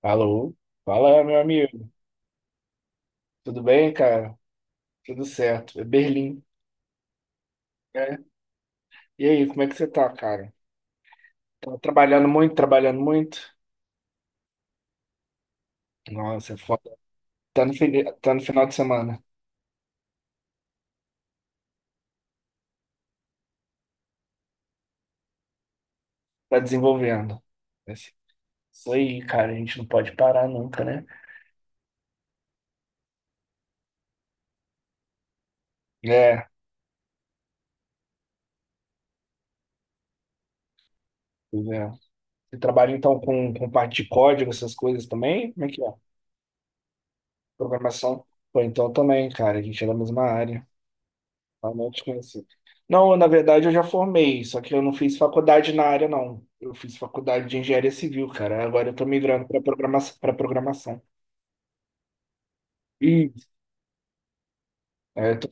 Alô? Fala, meu amigo. Tudo bem, cara? Tudo certo. É Berlim, né? E aí, como é que você tá, cara? Tá trabalhando muito, trabalhando muito? Nossa, é foda. Tá no final de semana. Tá desenvolvendo. Esse- Isso aí, cara. A gente não pode parar nunca, né? É, pois é. Você trabalha então com parte de código, essas coisas também? Como é que é? Programação? Pô, então também, cara. A gente é da mesma área. Ah, não te conheci. Não, na verdade eu já formei, só que eu não fiz faculdade na área, não. Eu fiz faculdade de engenharia civil, cara. Agora eu tô migrando para programação, para programação. E é, eu tô-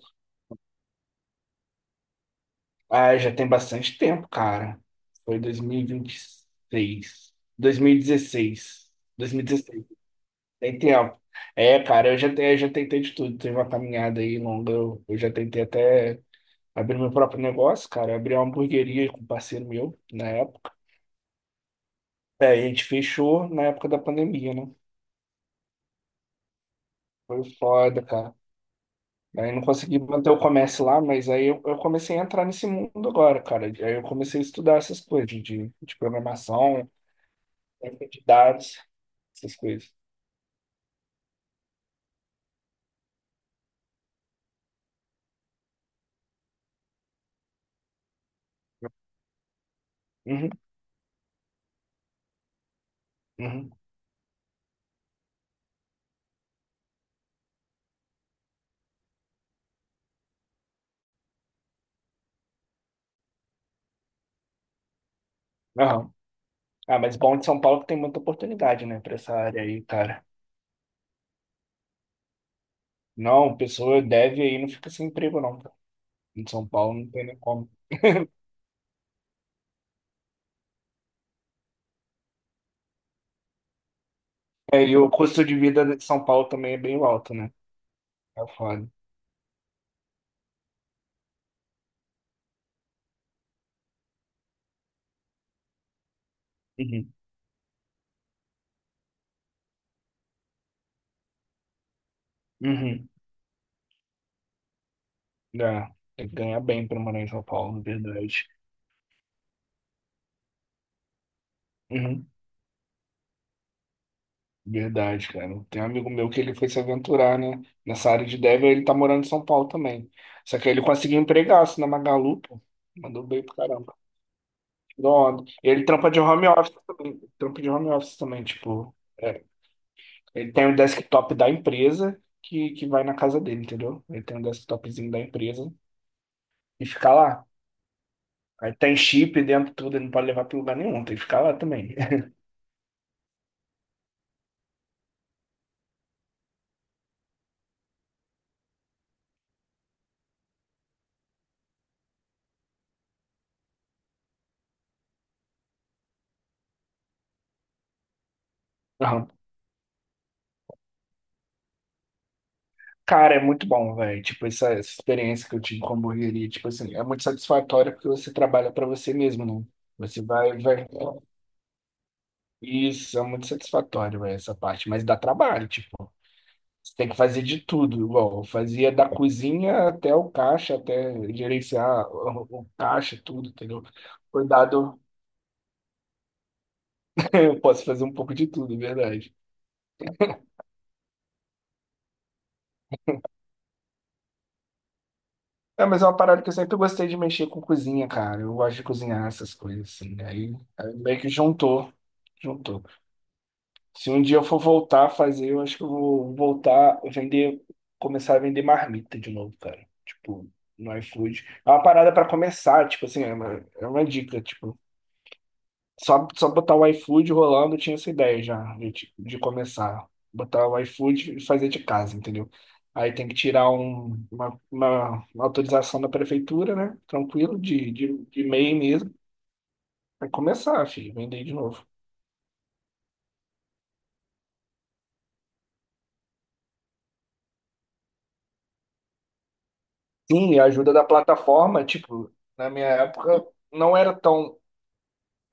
ah, já tem bastante tempo, cara. Foi dois Dois Dois mil mil e mil e 2016. Tem tempo. É, cara, eu já tentei de tudo. Teve uma caminhada aí longa. Eu já tentei até abrir meu próprio negócio, cara. Abrir uma hamburgueria com um parceiro meu na época. É, e a gente fechou na época da pandemia, né? Foi foda, cara. Aí não consegui manter o comércio lá, mas aí eu comecei a entrar nesse mundo agora, cara. Aí eu comecei a estudar essas coisas de programação, de dados, essas coisas. Uhum, uhum, aham. Ah, mas bom de São Paulo que tem muita oportunidade, né, pra essa área aí, cara. Não, pessoa deve aí não fica sem emprego, não, cara. Em São Paulo não tem nem como. É, e o custo de vida de São Paulo também é bem alto, né? É foda. Uhum, uhum. É, tem que ganhar bem pra morar em São Paulo, verdade. Uhum, verdade, cara. Tem um amigo meu que ele foi se aventurar, né? Nessa área de dev, ele tá morando em São Paulo também. Só que ele conseguiu empregaço na Magalu, pô. Mandou bem pro caramba. Pronto. Ele trampa de home office também. Trampa de home office também, tipo. É. Ele tem o desktop da empresa que vai na casa dele, entendeu? Ele tem um desktopzinho da empresa e fica lá. Aí tem chip dentro, tudo, ele não pode levar pra lugar nenhum, tem que ficar lá também. Cara, é muito bom, velho. Tipo, essa experiência que eu tive com a hamburgueria, tipo assim, é muito satisfatória porque você trabalha pra você mesmo, né? Você vai, vai. Isso, é muito satisfatório, velho, essa parte. Mas dá trabalho, tipo. Você tem que fazer de tudo, igual. Eu fazia da cozinha até o caixa, até gerenciar o caixa, tudo, entendeu? Cuidado, eu posso fazer um pouco de tudo, é verdade. É, mas é uma parada que eu sempre gostei de mexer com cozinha, cara. Eu gosto de cozinhar essas coisas, assim, né? Aí meio que juntou, juntou. Se um dia eu for voltar a fazer, eu acho que eu vou voltar a vender, começar a vender marmita de novo, cara. Tipo, no iFood. É uma parada pra começar, tipo assim, é uma dica, tipo, só botar o iFood rolando, eu tinha essa ideia já, tipo, de começar. Botar o iFood e fazer de casa, entendeu? Aí tem que tirar uma autorização da prefeitura, né? Tranquilo, de MEI mesmo. Aí começar, filho, vender de novo. Sim, a ajuda da plataforma, tipo, na minha época não era tão.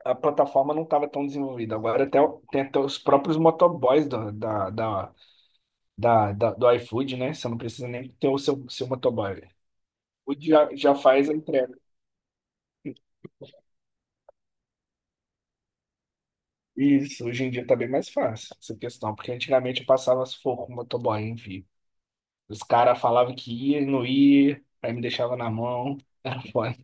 A plataforma não estava tão desenvolvida. Agora até, tem até os próprios motoboys do, da, da, da, da- do iFood, né? Você não precisa nem ter o seu motoboy. O iFood já faz a entrega. Isso, hoje em dia tá bem mais fácil essa questão, porque antigamente eu passava sufoco com o motoboy, enfim. Os caras falavam que ia e não ia, aí me deixava na mão. Era foda.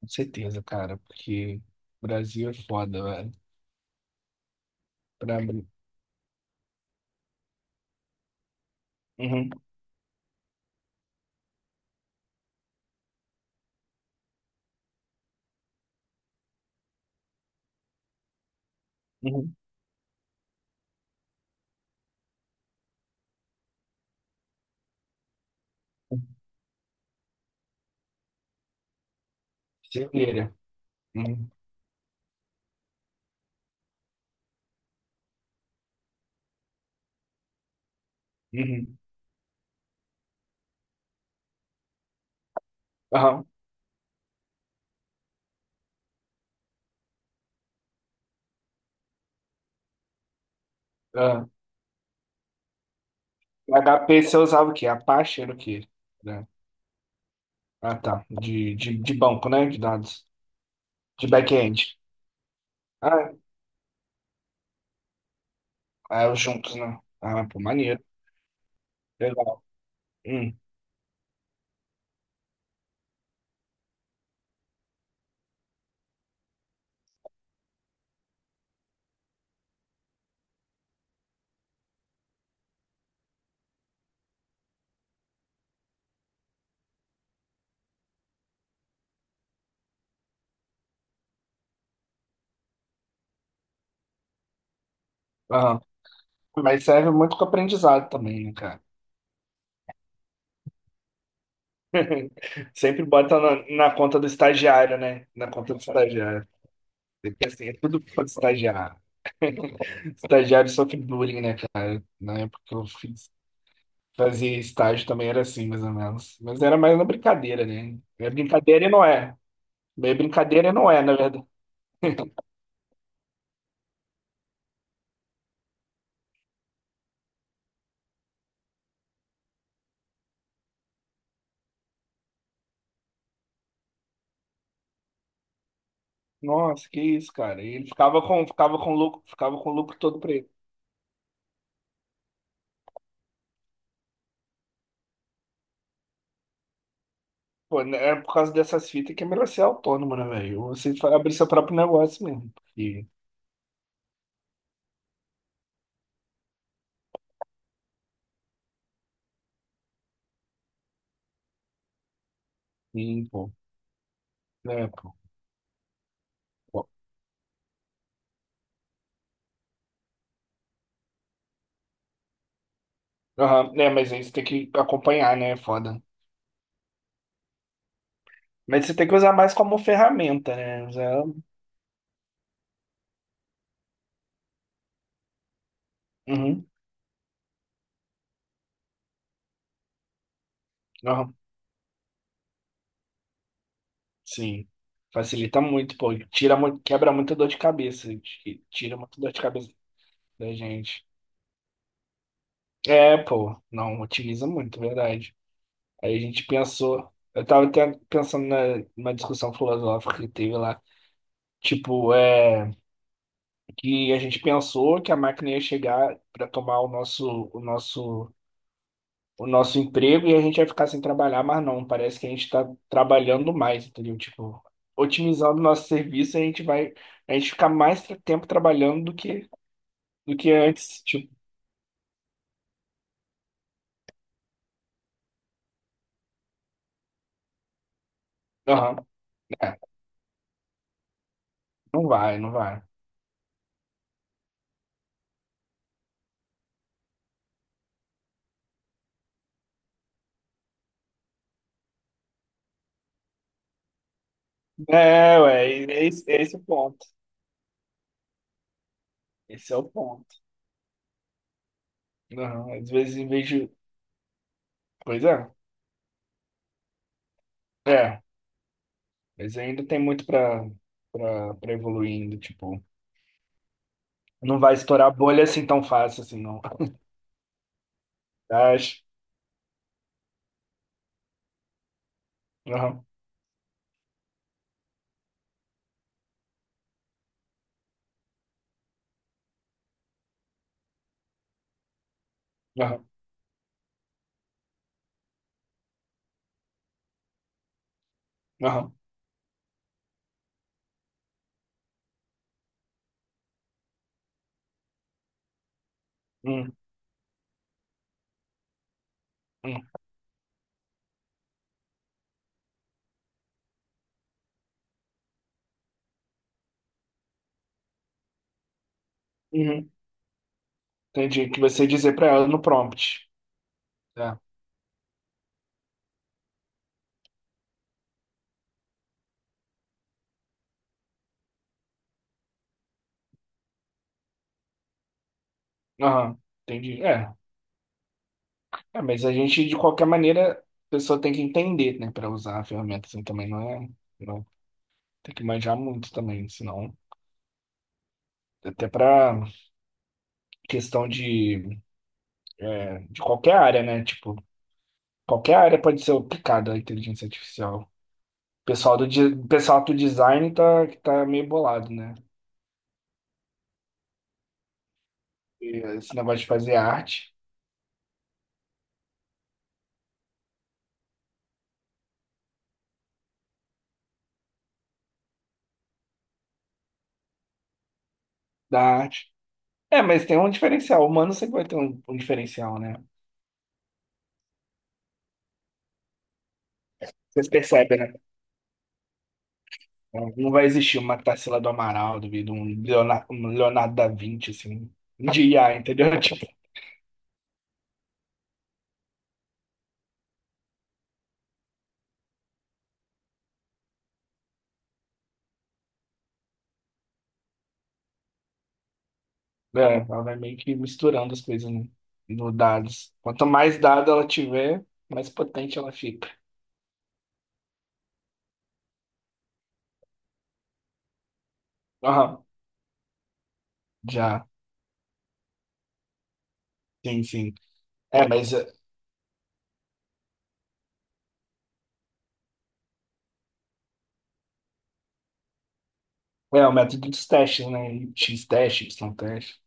Com certeza, cara, porque o Brasil é foda, velho. Pra mim. Uhum. Uhum. Silveira. Uhum. Uhum. Aham. Ah, HP você usava o quê? Apache era o quê? Né? Ah, tá. De banco, né? De dados. De back-end. Ah, é, os juntos, né? Ah, pô, maneiro. Legal. Hum. Aham. Mas serve muito com aprendizado também, né, cara? Sempre bota na conta do estagiário, né? Na conta do estagiário. Porque assim, é tudo conta do estagiário. Estagiário sofre bullying, né, cara? Na época que eu fiz Fazia estágio também, era assim, mais ou menos. Mas era mais na brincadeira, né? É brincadeira e não é. É brincadeira e não é, na verdade. Nossa, que isso, cara. E ele ficava com, ficava com o lucro todo pra ele. Pô, né, é por causa dessas fitas que é melhor ser autônomo, né, velho? Ou abrir seu próprio negócio mesmo. E pô, né, pô. Pô. Aham, né, mas aí você tem que acompanhar, né? É foda. Mas você tem que usar mais como ferramenta, né? Usar. Uhum. Aham. Sim. Facilita muito, pô. Quebra muita dor de cabeça. Tira muita dor de cabeça da gente. É, pô. Não, otimiza muito, verdade. Aí a gente pensou. Eu tava até pensando numa discussão filosófica que teve lá. Tipo, é, que a gente pensou que a máquina ia chegar pra tomar o nosso emprego e a gente vai ficar sem trabalhar, mas não, parece que a gente está trabalhando mais, entendeu? Tipo, otimizando o nosso serviço, a gente fica mais tempo trabalhando do que antes, tipo, aham, é, não vai, não vai. É, ué, é esse o ponto, esse é o ponto. Aham, às vezes em vez de, pois é, é, mas ainda tem muito para para evoluindo, tipo, não vai estourar a bolha assim tão fácil assim, não. Acho. Aham, aham, aham. Hum, hum. Uhum. Entendi. Que você dizer pra ela no prompt. Tá. Aham. Entendi. É. É, mas a gente, de qualquer maneira, a pessoa tem que entender, né, pra usar a ferramenta assim também. Não é. Não, tem que manjar muito também, senão. Até pra questão de, é, de qualquer área, né? Tipo, qualquer área pode ser aplicada à inteligência artificial. O pessoal o pessoal do design tá, que tá meio bolado, né? E esse negócio de fazer arte, da arte. É, mas tem um diferencial. O humano sempre vai ter um diferencial, né? Vocês percebem, né? Não vai existir uma Tarsila do Amaral, duvido, um Leonardo da Vinci, assim, de IA, entendeu? Tipo, é, ela vai meio que misturando as coisas no dados. Quanto mais dado ela tiver, mais potente ela fica. Aham, já, sim, sim. É, mas é o método dos testes, né? X-teste, Y-teste,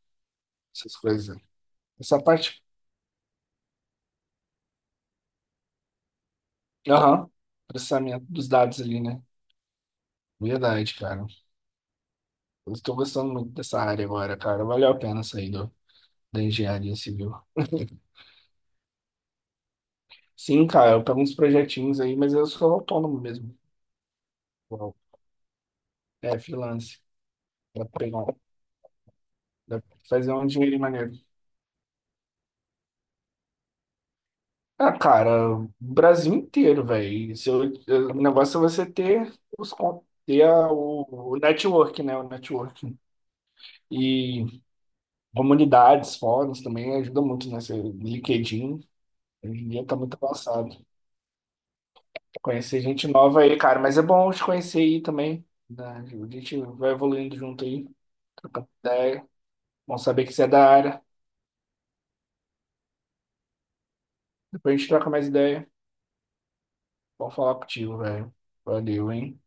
essas coisas. Essa parte, aham, processamento dos dados ali, né? Verdade, cara. Eu estou gostando muito dessa área agora, cara. Valeu a pena sair da engenharia civil. Sim, cara, eu pego uns projetinhos aí, mas eu sou autônomo mesmo. Uau. É, freelance. Dá pra pegar, dá pra fazer um dinheiro maneiro. Ah, cara, o Brasil inteiro, velho. O negócio é você ter os con- ter a- o network, né? O network. E comunidades, fóruns também ajuda muito, né? LinkedIn, hoje em dia tá muito avançado. Conhecer gente nova aí, cara, mas é bom te conhecer aí também, né? A gente vai evoluindo junto aí, trocando ideia. Bom saber que você é da área. Depois a gente troca mais ideia. Bom falar contigo, velho. Valeu, hein?